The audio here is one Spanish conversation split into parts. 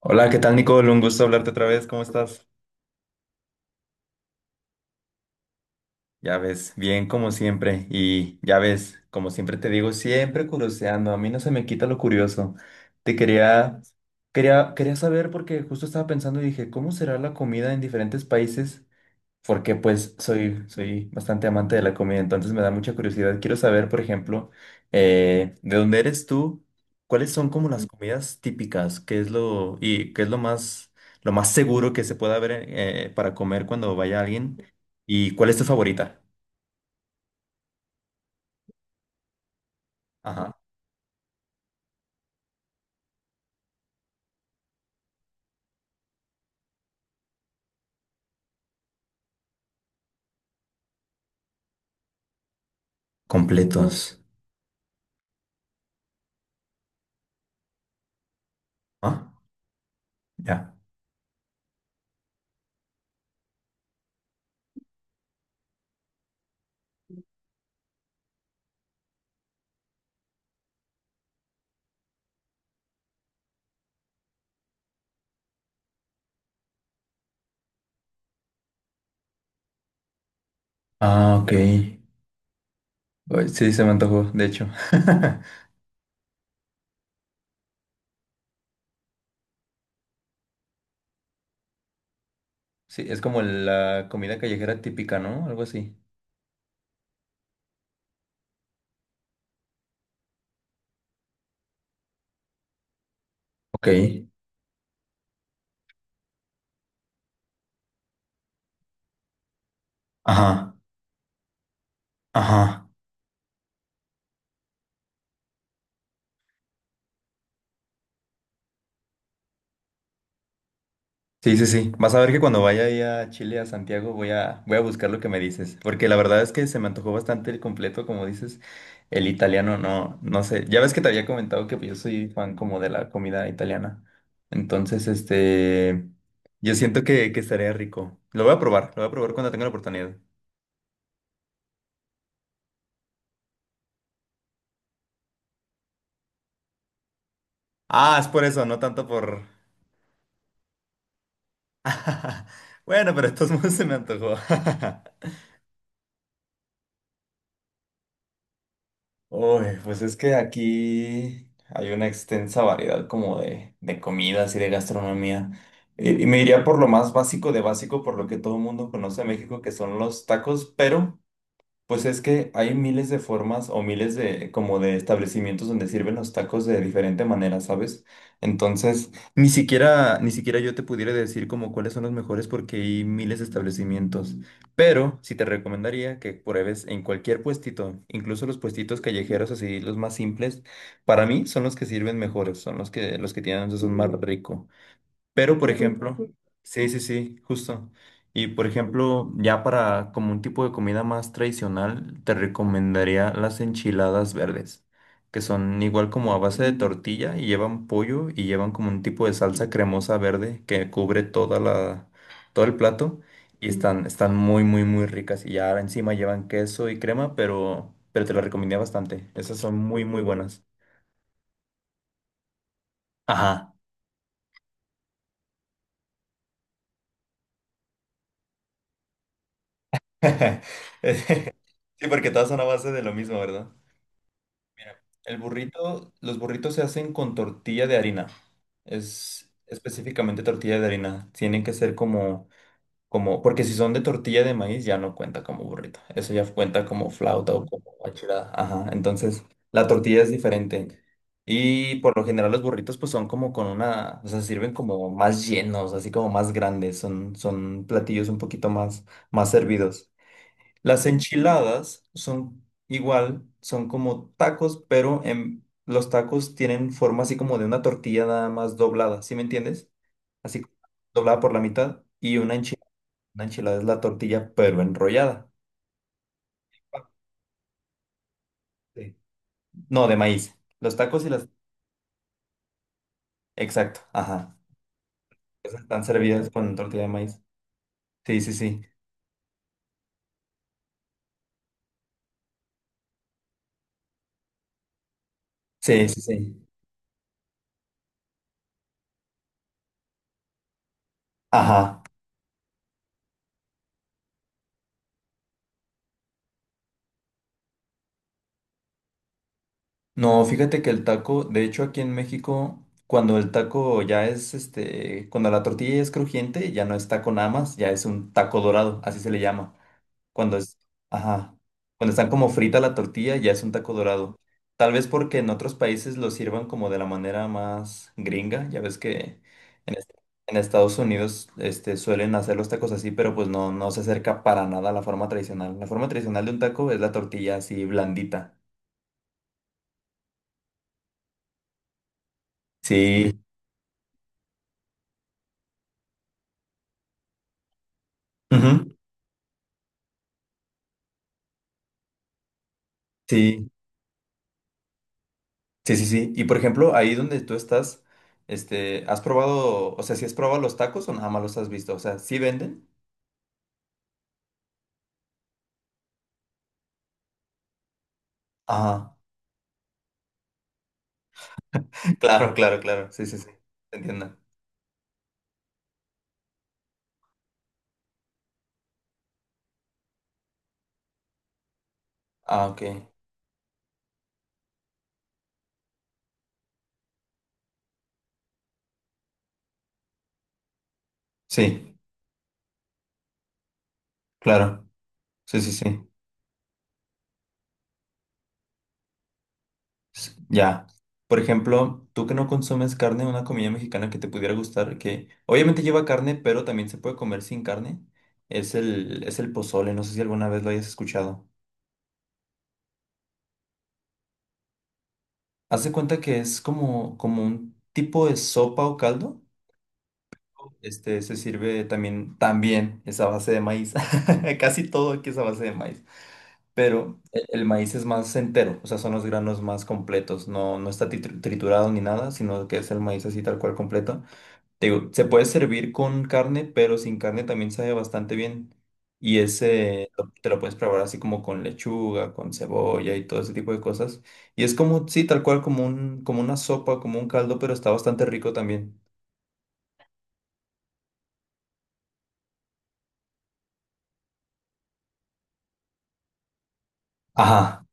Hola, ¿qué tal, Nicole? Un gusto hablarte otra vez. ¿Cómo estás? Ya ves, bien como siempre. Y ya ves, como siempre te digo, siempre curioseando. A mí no se me quita lo curioso. Te quería, quería saber porque justo estaba pensando y dije, ¿cómo será la comida en diferentes países? Porque pues soy bastante amante de la comida, entonces me da mucha curiosidad. Quiero saber, por ejemplo, ¿de dónde eres tú? ¿Cuáles son como las comidas típicas? ¿Qué es lo, y qué es lo más seguro que se pueda ver para comer cuando vaya alguien? ¿Y cuál es tu favorita? Ajá. Completos. Ah, ya. Ah, ok. Uy, sí, se me antojó, de hecho. Sí, es como la comida callejera típica, ¿no? Algo así. Ok. Ajá, ajá. Sí, sí, sí. Vas a ver que cuando vaya ahí a Chile, a Santiago, voy a buscar lo que me dices. Porque la verdad es que se me antojó bastante el completo, como dices. El italiano, no sé. Ya ves que te había comentado que pues, yo soy fan como de la comida italiana. Entonces, este, yo siento que estaría rico. Lo voy a probar cuando tenga la oportunidad. Ah, es por eso, no tanto por... Bueno, pero de todos modos se me antojó. Uy, pues es que aquí hay una extensa variedad como de comidas y de gastronomía. Y me iría por lo más básico de básico, por lo que todo el mundo conoce a México, que son los tacos, pero pues es que hay miles de formas o miles de como de establecimientos donde sirven los tacos de diferente manera, ¿sabes? Entonces, ni siquiera yo te pudiera decir como cuáles son los mejores porque hay miles de establecimientos, pero sí te recomendaría que pruebes en cualquier puestito, incluso los puestitos callejeros así los más simples, para mí son los que sirven mejores, son los que tienen un sazón más rico. Pero, por ejemplo, sí, sí, sí, justo. Y, por ejemplo, ya para como un tipo de comida más tradicional, te recomendaría las enchiladas verdes, que son igual como a base de tortilla y llevan pollo y llevan como un tipo de salsa cremosa verde que cubre toda todo el plato y están muy, muy, muy ricas. Y ya encima llevan queso y crema, pero te las recomendé bastante. Esas son muy, muy buenas. Ajá. Sí, porque todas son a base de lo mismo, ¿verdad? El burrito, los burritos se hacen con tortilla de harina. Es específicamente tortilla de harina. Tienen que ser porque si son de tortilla de maíz ya no cuenta como burrito. Eso ya cuenta como flauta o como achirada. Ajá. Entonces, la tortilla es diferente. Y por lo general los burritos pues son como con una, o sea, sirven como más llenos, así como más grandes. Son platillos un poquito más, más servidos. Las enchiladas son igual, son como tacos, pero los tacos tienen forma así como de una tortilla nada más doblada, ¿sí me entiendes? Así como doblada por la mitad y una enchilada es la tortilla pero enrollada. Sí. No, de maíz. Los tacos y las... Exacto, ajá. Esas están servidas con tortilla de maíz. Sí, sí, sí. Sí, sí, sí. Ajá. No, fíjate que el taco, de hecho aquí en México, cuando el taco ya es, este, cuando la tortilla es crujiente, ya no es taco nada más, ya es un taco dorado, así se le llama. Cuando es, ajá, cuando están como frita la tortilla, ya es un taco dorado. Tal vez porque en otros países lo sirvan como de la manera más gringa, ya ves que en, est- en Estados Unidos, este, suelen hacer los tacos así, pero pues no se acerca para nada a la forma tradicional. La forma tradicional de un taco es la tortilla así blandita. Sí. Ujú. Sí, sí, sí, sí. Y por ejemplo, ahí donde tú estás, este, ¿has probado, o sea, si has probado los tacos o nada más los has visto? O sea, ¿sí venden? Ajá. Claro, claro, claro. Sí, sí, sí. Te entiendo. Ah, ok. Sí, claro. Sí, sí, sí. S- ya. Por ejemplo, tú que no consumes carne, una comida mexicana que te pudiera gustar, que obviamente lleva carne, pero también se puede comer sin carne, es es el pozole. No sé si alguna vez lo hayas escuchado. Haz de cuenta que es como, como un tipo de sopa o caldo. Este, se sirve también es a base de maíz. Casi todo aquí es a base de maíz. Pero el maíz es más entero, o sea, son los granos más completos. No está triturado ni nada, sino que es el maíz así tal cual completo. Te digo, se puede servir con carne, pero sin carne también sabe bastante bien. Y ese te lo puedes probar así como con lechuga, con cebolla y todo ese tipo de cosas. Y es como, sí, tal cual como como una sopa, como un caldo, pero está bastante rico también. Ajá,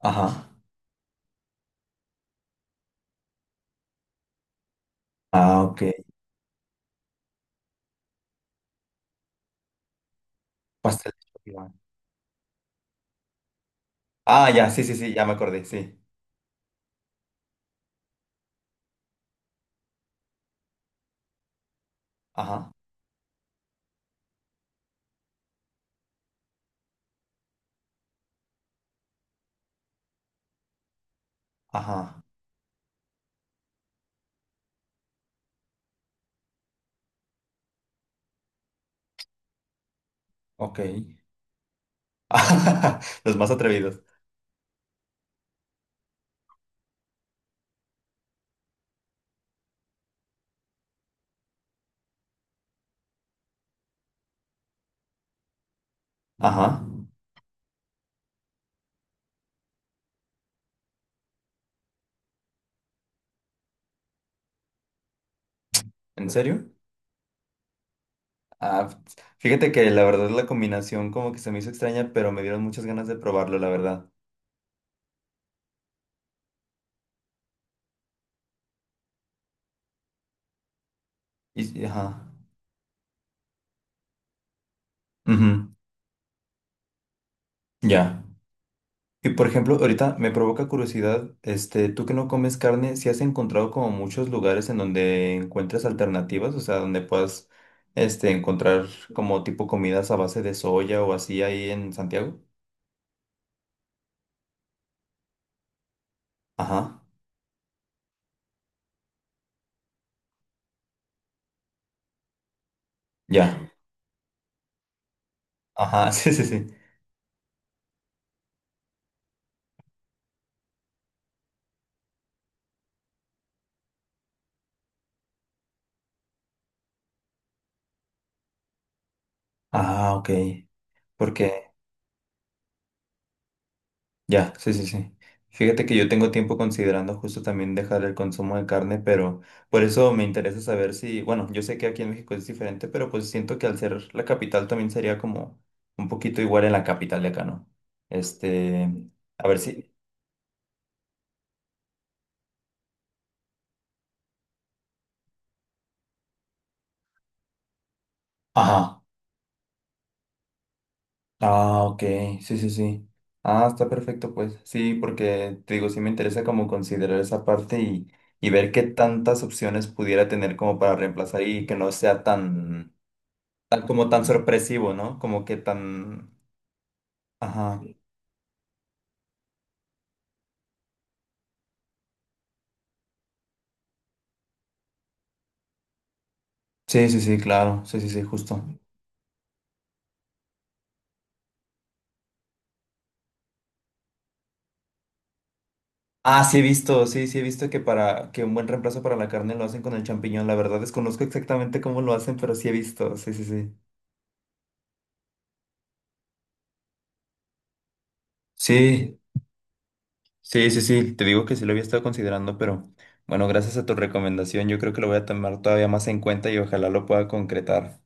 ajá. Ah, ok. Pastel de choclo. Ah, ya, sí, sí, sí, ya me acordé, sí. Ajá, ajá, ok. Los más atrevidos. Ajá, ¿en serio? Ah, fíjate que la verdad la combinación como que se me hizo extraña, pero me dieron muchas ganas de probarlo, la verdad. Ajá, ujú, ya. Y por ejemplo, ahorita me provoca curiosidad, este, tú que no comes carne, si has encontrado como muchos lugares en donde encuentras alternativas, o sea, donde puedas, este, encontrar como tipo comidas a base de soya o así ahí en Santiago. Ajá, ya. Ajá, sí, sí, sí. Ah, ok. Porque ya, sí, sí, sí. Fíjate que yo tengo tiempo considerando justo también dejar el consumo de carne, pero por eso me interesa saber si, bueno, yo sé que aquí en México es diferente, pero pues siento que al ser la capital también sería como un poquito igual en la capital de acá, ¿no? Este, a ver si... Ajá. Ah, ok, sí, sí, sí. Ah, está perfecto, pues. Sí, porque te digo, sí me interesa como considerar esa parte y ver qué tantas opciones pudiera tener como para reemplazar y que no sea tan... tal como tan sorpresivo, ¿no? Como que tan... Ajá. Sí, sí, sí, claro. Sí, sí, sí, justo. Ah, sí he visto, sí, sí he visto que para que un buen reemplazo para la carne lo hacen con el champiñón. La verdad desconozco exactamente cómo lo hacen, pero sí he visto. Sí, sí, sí. Sí, sí, sí, sí. Te digo que sí lo había estado considerando, pero bueno, gracias a tu recomendación, yo creo que lo voy a tomar todavía más en cuenta y ojalá lo pueda concretar.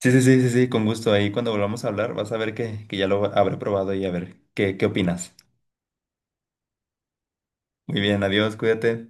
Sí, sí, sí, sí, sí, con gusto. Ahí cuando volvamos a hablar, vas a ver que ya lo habré probado y a ver qué opinas. Muy bien, adiós, cuídate.